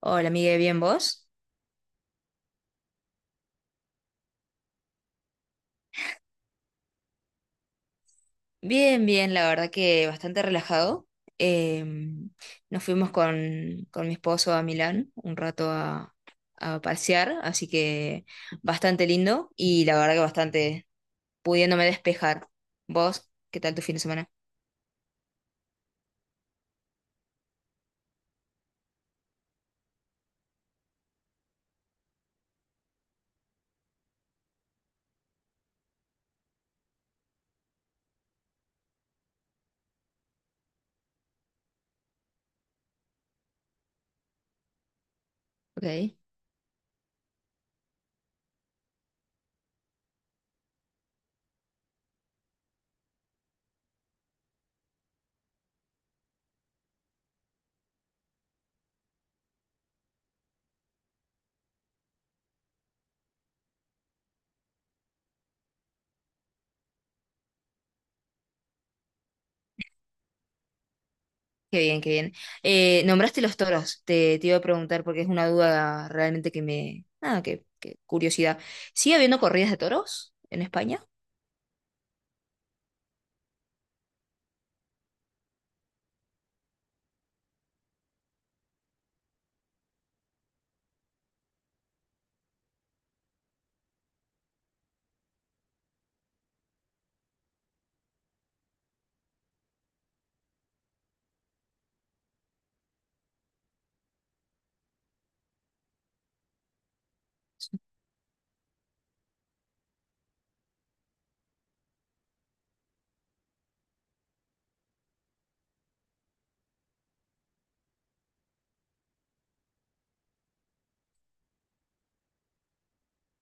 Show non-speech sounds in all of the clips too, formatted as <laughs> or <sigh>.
Hola, Miguel, ¿bien vos? Bien, bien, la verdad que bastante relajado. Em, Nos fuimos con mi esposo a Milán un rato a pasear, así que bastante lindo y la verdad que bastante pudiéndome despejar. ¿Vos? ¿Qué tal tu fin de semana? Ok, qué bien, qué bien. Nombraste los toros, te iba a preguntar porque es una duda realmente que me... Nada, que curiosidad. ¿Sigue habiendo corridas de toros en España?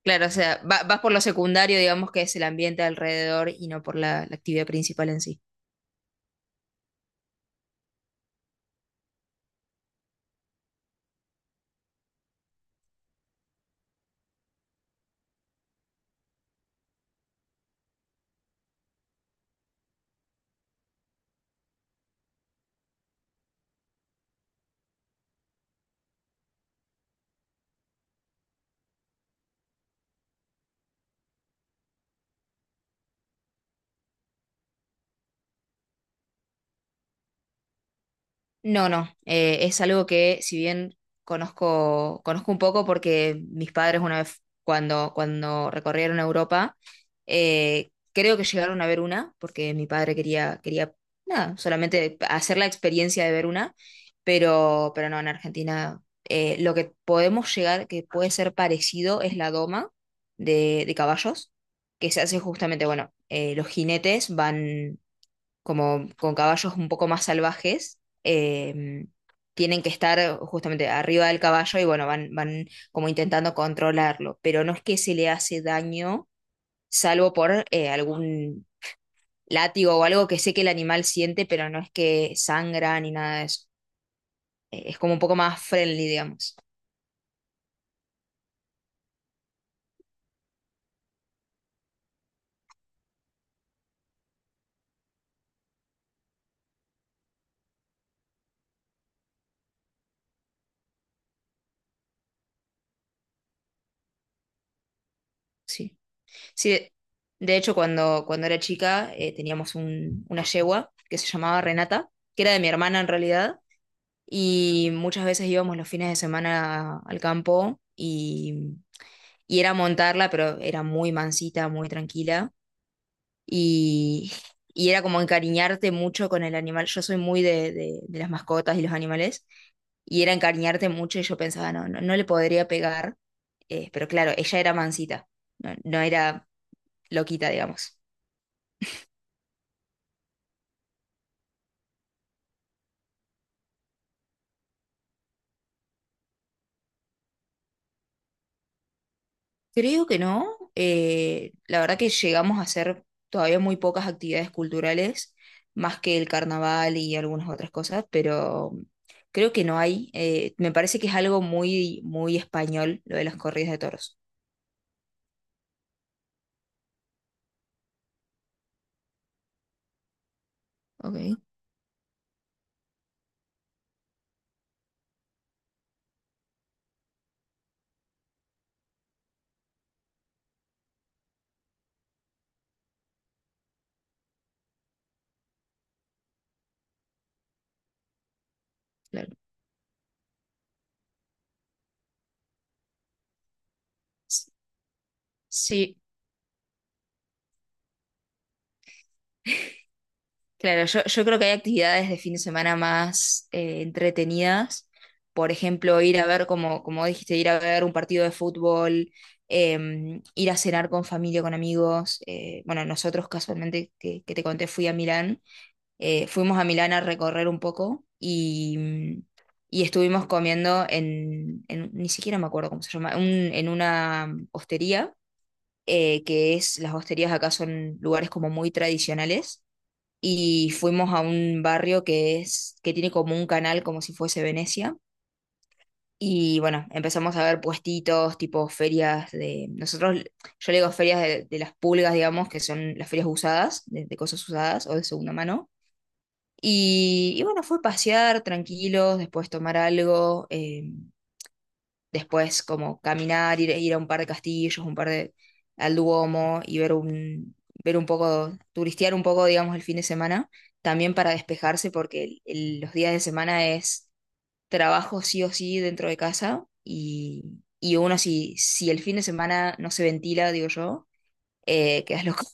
Claro, o sea, vas por lo secundario, digamos, que es el ambiente alrededor y no por la actividad principal en sí. No, no, es algo que si bien conozco un poco porque mis padres una vez cuando recorrieron Europa, creo que llegaron a ver una, porque mi padre quería, nada, solamente hacer la experiencia de ver una, pero no, en Argentina lo que podemos llegar, que puede ser parecido, es la doma de caballos, que se hace justamente, bueno, los jinetes van como con caballos un poco más salvajes, eh, tienen que estar justamente arriba del caballo y bueno, van como intentando controlarlo, pero no es que se le hace daño, salvo por algún látigo o algo que sé que el animal siente, pero no es que sangra ni nada de eso. Es como un poco más friendly, digamos. Sí. Sí, de hecho, cuando era chica teníamos una yegua que se llamaba Renata, que era de mi hermana en realidad y muchas veces íbamos los fines de semana al campo y era montarla, pero era muy mansita, muy tranquila y, y era como encariñarte mucho con el animal. Yo soy muy de las mascotas y los animales y era encariñarte mucho y yo pensaba, no, no, no le podría pegar, pero claro, ella era mansita, no, no era loquita, digamos. Creo que no. La verdad que llegamos a hacer todavía muy pocas actividades culturales, más que el carnaval y algunas otras cosas, pero creo que no hay. Me parece que es algo muy, muy español lo de las corridas de toros. Ok, claro. S- Sí, claro, yo creo que hay actividades de fin de semana más entretenidas. Por ejemplo, ir a ver, como dijiste, ir a ver un partido de fútbol, ir a cenar con familia, con amigos. Bueno, nosotros casualmente, que te conté, fui a Milán. Fuimos a Milán a recorrer un poco y estuvimos comiendo ni siquiera me acuerdo cómo se llama, en una hostería, que es, las hosterías acá son lugares como muy tradicionales y fuimos a un barrio que es, que tiene como un canal como si fuese Venecia. Y bueno, empezamos a ver puestitos, tipo ferias de, nosotros, yo le digo ferias de las pulgas, digamos, que son las ferias usadas, de cosas usadas o de segunda mano. Y bueno, fue pasear tranquilos, después tomar algo. Después, como caminar, ir a un par de castillos, un par de, al Duomo y ver un poco, turistear un poco, digamos, el fin de semana, también para despejarse, porque los días de semana es trabajo sí o sí dentro de casa y uno si, si el fin de semana no se ventila, digo yo, quedas loco.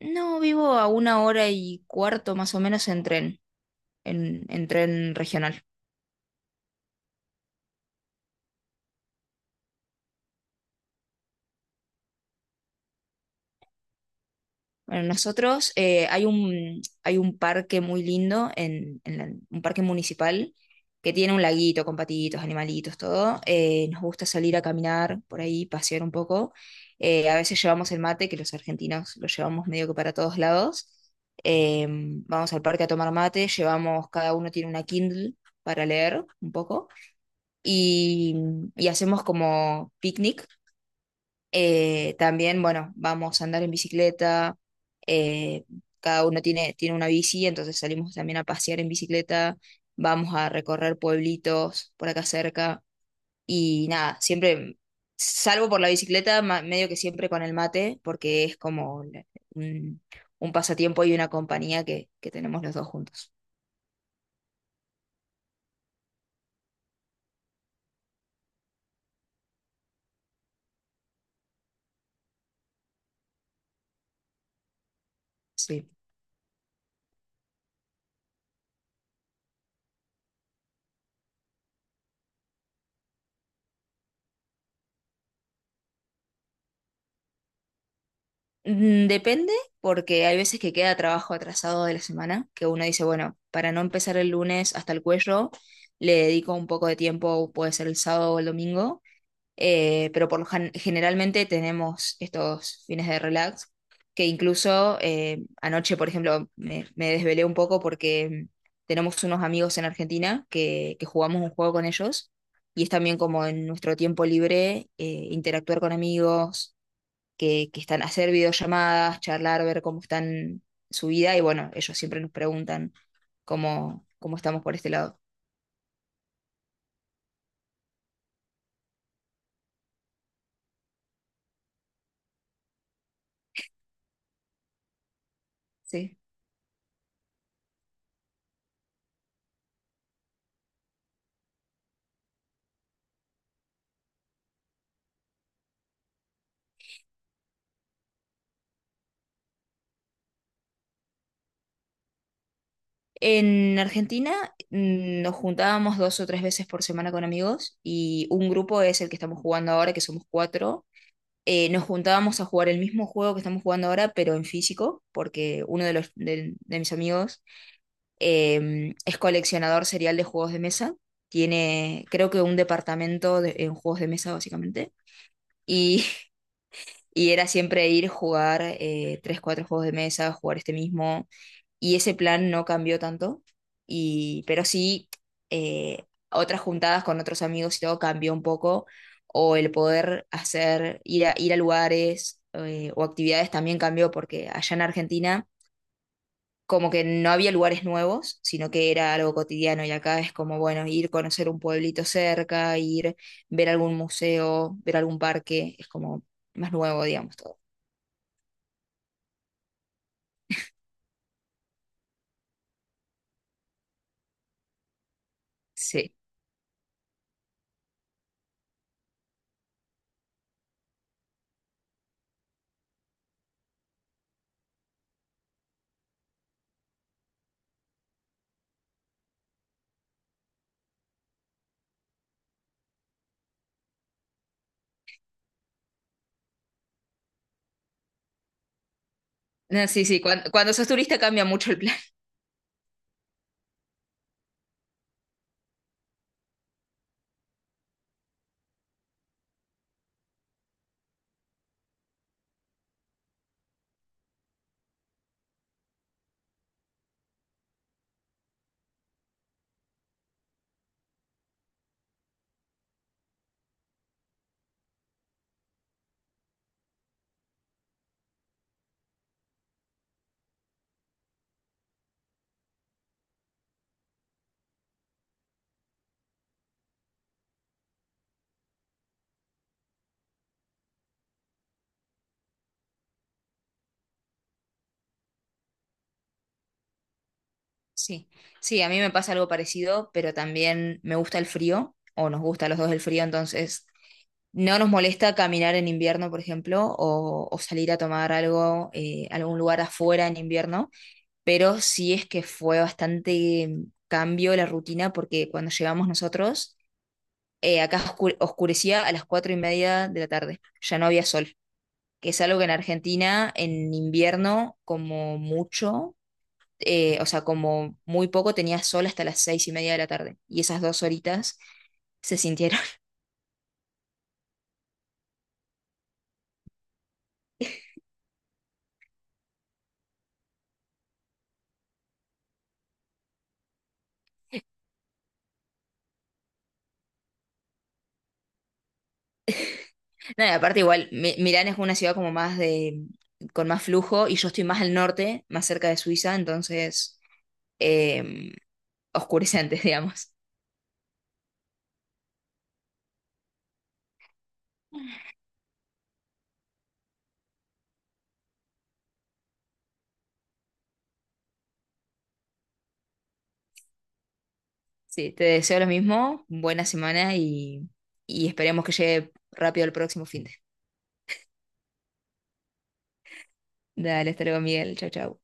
No, vivo a 1 hora y cuarto más o menos en tren, en tren regional. Bueno, nosotros hay un parque muy lindo, un parque municipal, que tiene un laguito con patitos, animalitos, todo. Nos gusta salir a caminar por ahí, pasear un poco. A veces llevamos el mate, que los argentinos lo llevamos medio que para todos lados. Eh, Vamos al parque a tomar mate, llevamos, cada uno tiene una Kindle para leer un poco. Y, y hacemos como picnic también, bueno, vamos a andar en bicicleta. eh, Cada uno tiene una bici, entonces salimos también a pasear en bicicleta. Vamos a recorrer pueblitos por acá cerca. Y nada, siempre, salvo por la bicicleta, medio que siempre con el mate, porque es como un pasatiempo y una compañía que tenemos los dos juntos. Sí. Depende, porque hay veces que queda trabajo atrasado de la semana, que uno dice, bueno, para no empezar el lunes hasta el cuello, le dedico un poco de tiempo, puede ser el sábado o el domingo, pero por lo generalmente tenemos estos fines de relax, que incluso anoche, por ejemplo, me desvelé un poco porque tenemos unos amigos en Argentina que jugamos un juego con ellos. Y es también como en nuestro tiempo libre, interactuar con amigos, que están a hacer videollamadas, charlar, ver cómo están su vida y bueno, ellos siempre nos preguntan cómo estamos por este lado. Sí. En Argentina nos juntábamos dos o tres veces por semana con amigos y un grupo es el que estamos jugando ahora, que somos cuatro. Nos juntábamos a jugar el mismo juego que estamos jugando ahora, pero en físico, porque uno de mis amigos es coleccionador serial de juegos de mesa. Tiene, creo que un departamento en juegos de mesa, básicamente. Y, <laughs> y era siempre ir, jugar tres, cuatro juegos de mesa, jugar este mismo. Y ese plan no cambió tanto. Y, pero sí, eh, otras juntadas con otros amigos y todo cambió un poco. O el poder hacer, ir a lugares o actividades también cambió, porque allá en Argentina como que no había lugares nuevos, sino que era algo cotidiano y acá es como, bueno, ir conocer un pueblito cerca, ir ver algún museo, ver algún parque, es como más nuevo, digamos, todo. Sí. No, sí, sí, cuando, sos turista cambia mucho el plan. <laughs> Sí, sí, a mí me pasa algo parecido, pero también me gusta el frío, o nos gusta a los dos el frío, entonces no nos molesta caminar en invierno, por ejemplo, o salir a tomar algo, a algún lugar afuera en invierno pero sí es que fue bastante cambio la rutina porque cuando llegamos nosotros, acá oscurecía a las 4:30 de la tarde, ya no había sol, que es algo que en Argentina en invierno como mucho, o sea, como muy poco tenía sol hasta las 6:30 de la tarde y esas 2 horitas se sintieron. <laughs> No, y aparte igual, Milán es una ciudad como más con más flujo y yo estoy más al norte, más cerca de Suiza, entonces eh, oscurece antes, <laughs> digamos. Sí, te deseo lo mismo, buena semana y esperemos que llegue rápido el próximo fin de. Dale, hasta luego, Miguel. Chau, chau.